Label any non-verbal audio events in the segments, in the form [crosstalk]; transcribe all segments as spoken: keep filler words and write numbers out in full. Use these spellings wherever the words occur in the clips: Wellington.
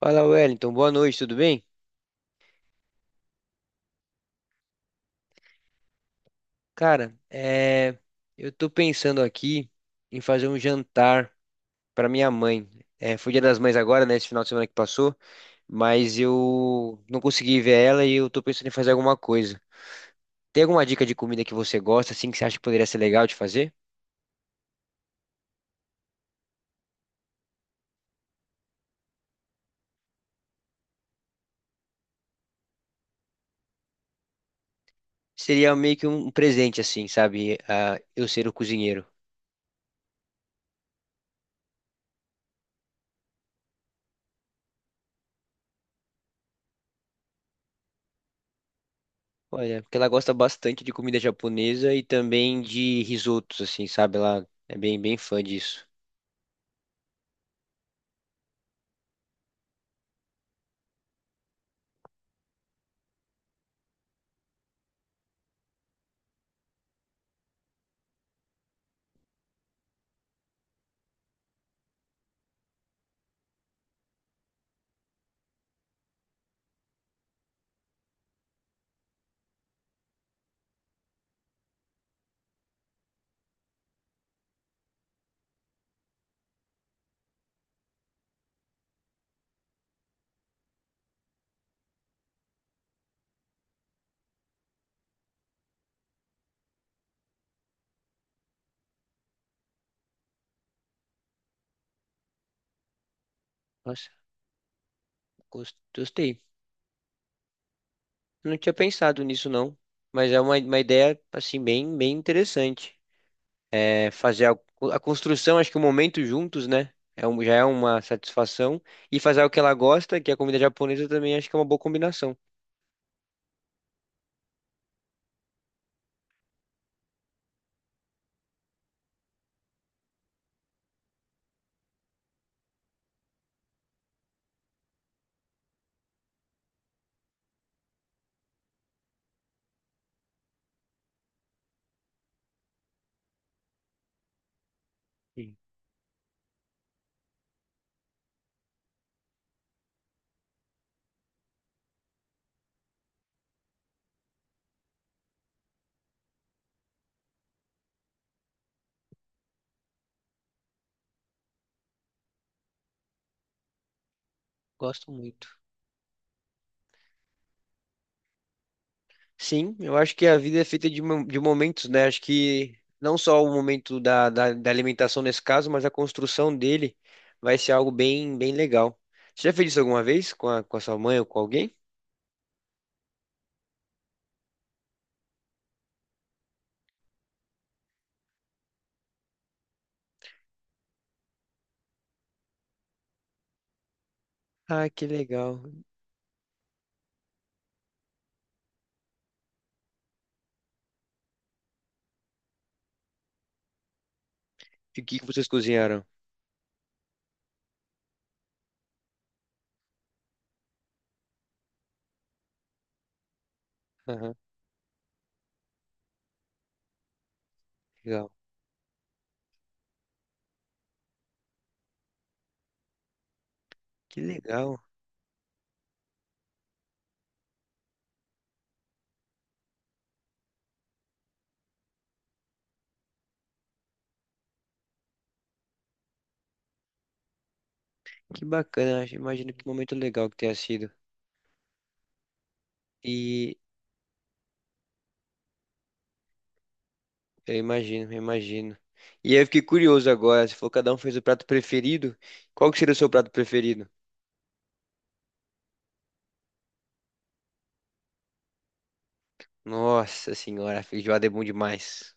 Fala, Wellington. Boa noite, tudo bem? Cara, é, eu tô pensando aqui em fazer um jantar pra minha mãe. É, foi Dia das Mães agora, né? Esse final de semana que passou, mas eu não consegui ver ela e eu tô pensando em fazer alguma coisa. Tem alguma dica de comida que você gosta, assim, que você acha que poderia ser legal de fazer? Seria meio que um presente, assim, sabe? Ah, eu ser o cozinheiro. Olha, porque ela gosta bastante de comida japonesa e também de risotos, assim, sabe? Ela é bem, bem fã disso. Nossa, gos- gostei. Não tinha pensado nisso, não. Mas é uma, uma ideia, assim, bem, bem interessante. É fazer a, a construção, acho que o momento juntos, né? É um, já é uma satisfação. E fazer o que ela gosta, que é a comida japonesa, também acho que é uma boa combinação. Sim, gosto muito. Sim, eu acho que a vida é feita de, mo- de momentos, né? Acho que não só o momento da, da, da alimentação nesse caso, mas a construção dele vai ser algo bem, bem legal. Você já fez isso alguma vez com a, com a sua mãe ou com alguém? Ah, que legal. E o que que vocês cozinharam? Aham, legal. Que legal, que bacana. acho- Imagino que momento legal que tenha sido. E eu imagino, eu imagino. E aí eu fiquei curioso agora. Você falou que cada um fez o prato preferido. Qual que seria o seu prato preferido? Nossa senhora, feijoada é bom demais.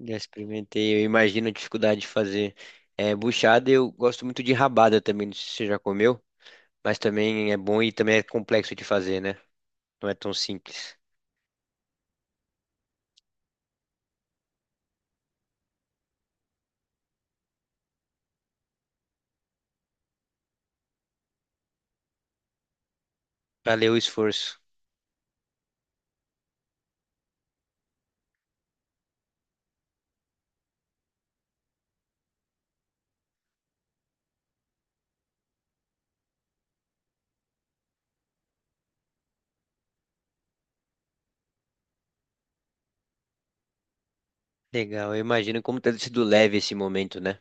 Já experimentei, eu imagino a dificuldade de fazer. É, buchada, eu gosto muito de rabada também, não sei se você já comeu, mas também é bom e também é complexo de fazer, né? Não é tão simples. Valeu o esforço. Legal, eu imagino como deve ter sido leve esse momento, né?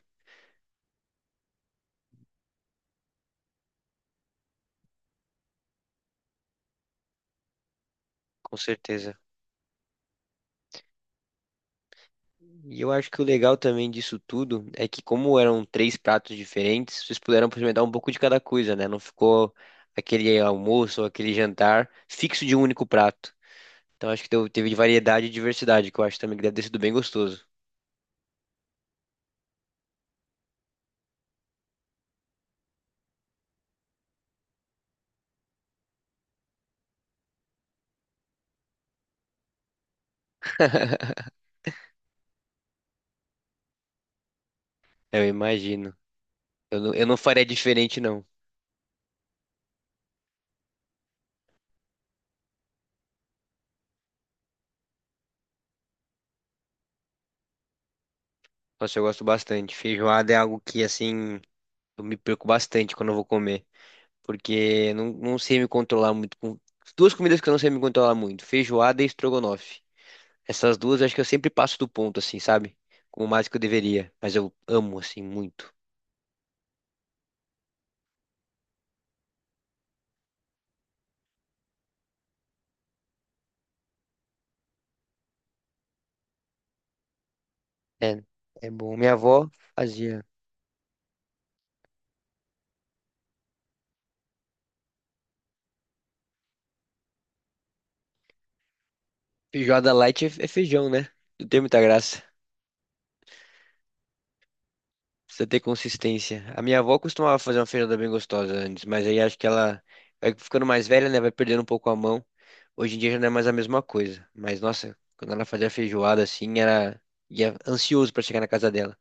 Com certeza. E eu acho que o legal também disso tudo é que, como eram três pratos diferentes, vocês puderam experimentar um pouco de cada coisa, né? Não ficou aquele almoço ou aquele jantar fixo de um único prato. Então acho que deu- teve variedade e diversidade, que eu acho também que deve ter sido bem gostoso. [laughs] Eu imagino. Eu não, eu não faria diferente, não. Nossa, eu gosto bastante. Feijoada é algo que, assim, eu me perco bastante quando eu vou comer. Porque eu não, não sei me controlar muito com. Duas comidas que eu não sei me controlar muito: feijoada e estrogonofe. Essas duas eu acho que eu sempre passo do ponto, assim, sabe? Como mais que eu deveria. Mas eu amo, assim, muito. É, é bom. Minha avó fazia. Feijoada light é é feijão, né? Não tem muita graça. Precisa ter consistência. A minha avó costumava fazer uma feijada bem gostosa antes, mas aí acho que ela vai ficando mais velha, né? Vai perdendo um pouco a mão. Hoje em dia já não é mais a mesma coisa. Mas nossa, quando ela fazia feijoada assim, era ia ansioso pra chegar na casa dela.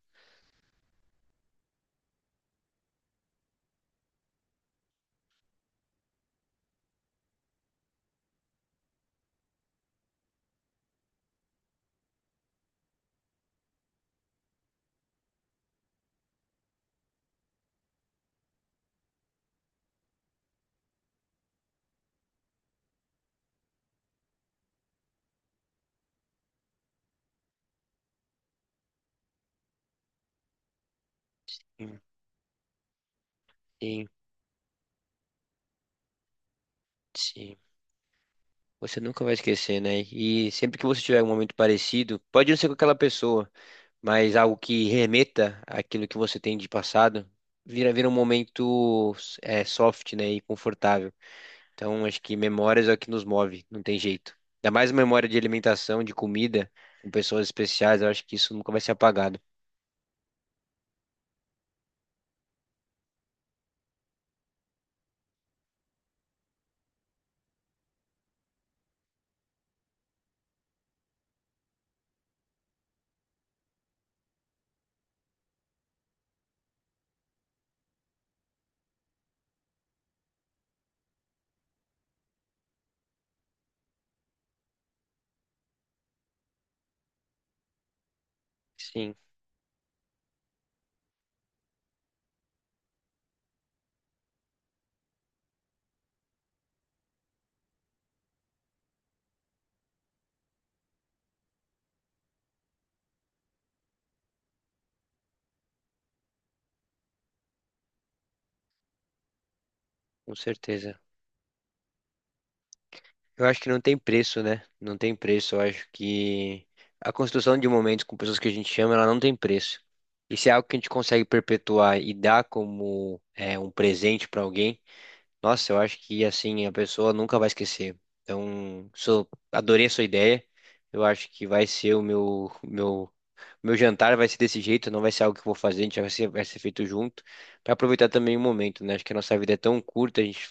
Sim, sim. Sim. Você nunca vai esquecer, né? E sempre que você tiver um momento parecido, pode não ser com aquela pessoa, mas algo que remeta àquilo que você tem de passado, vira, vira um momento é, soft, né? E confortável. Então, acho que memórias é o que nos move, não tem jeito. Ainda mais memória de alimentação, de comida, com pessoas especiais, eu acho que isso nunca vai ser apagado. Sim, com certeza. Eu acho que não tem preço, né? Não tem preço. Eu acho que a construção de momentos com pessoas que a gente ama, ela não tem preço. E se é algo que a gente consegue perpetuar e dar como é, um presente pra alguém, nossa, eu acho que assim a pessoa nunca vai esquecer. Então, sou, adorei a sua ideia. Eu acho que vai ser o meu meu meu jantar vai ser desse jeito, não vai ser algo que eu vou fazer, a gente vai ser, vai ser feito junto. Pra aproveitar também o momento, né? Acho que a nossa vida é tão curta, a gente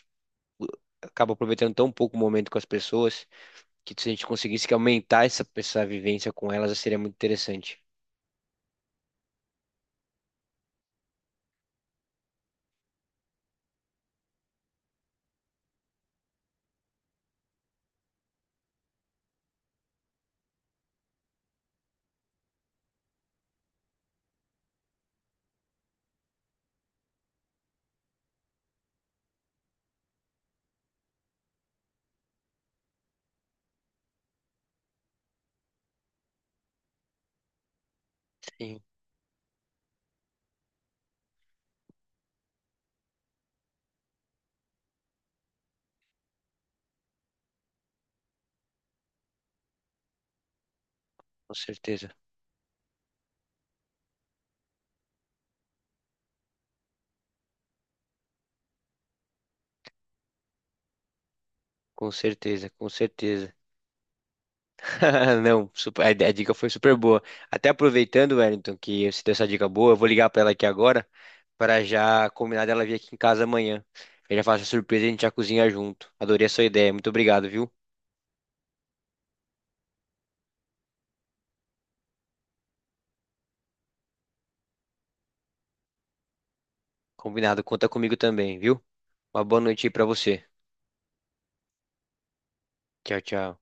acaba aproveitando tão pouco o momento com as pessoas que se a gente conseguisse que aumentar essa, essa vivência com elas, seria muito interessante. Sim, com certeza. Com certeza, com certeza. [laughs] Não, super- a, a dica foi super boa. Até aproveitando, Wellington, que você deu essa dica boa, eu vou ligar pra ela aqui agora para já combinar dela vir aqui em casa amanhã. Eu já faço a surpresa e a gente já cozinha junto. Adorei a sua ideia. Muito obrigado, viu? Combinado. Conta comigo também, viu? Uma boa noite aí pra você. Tchau, tchau.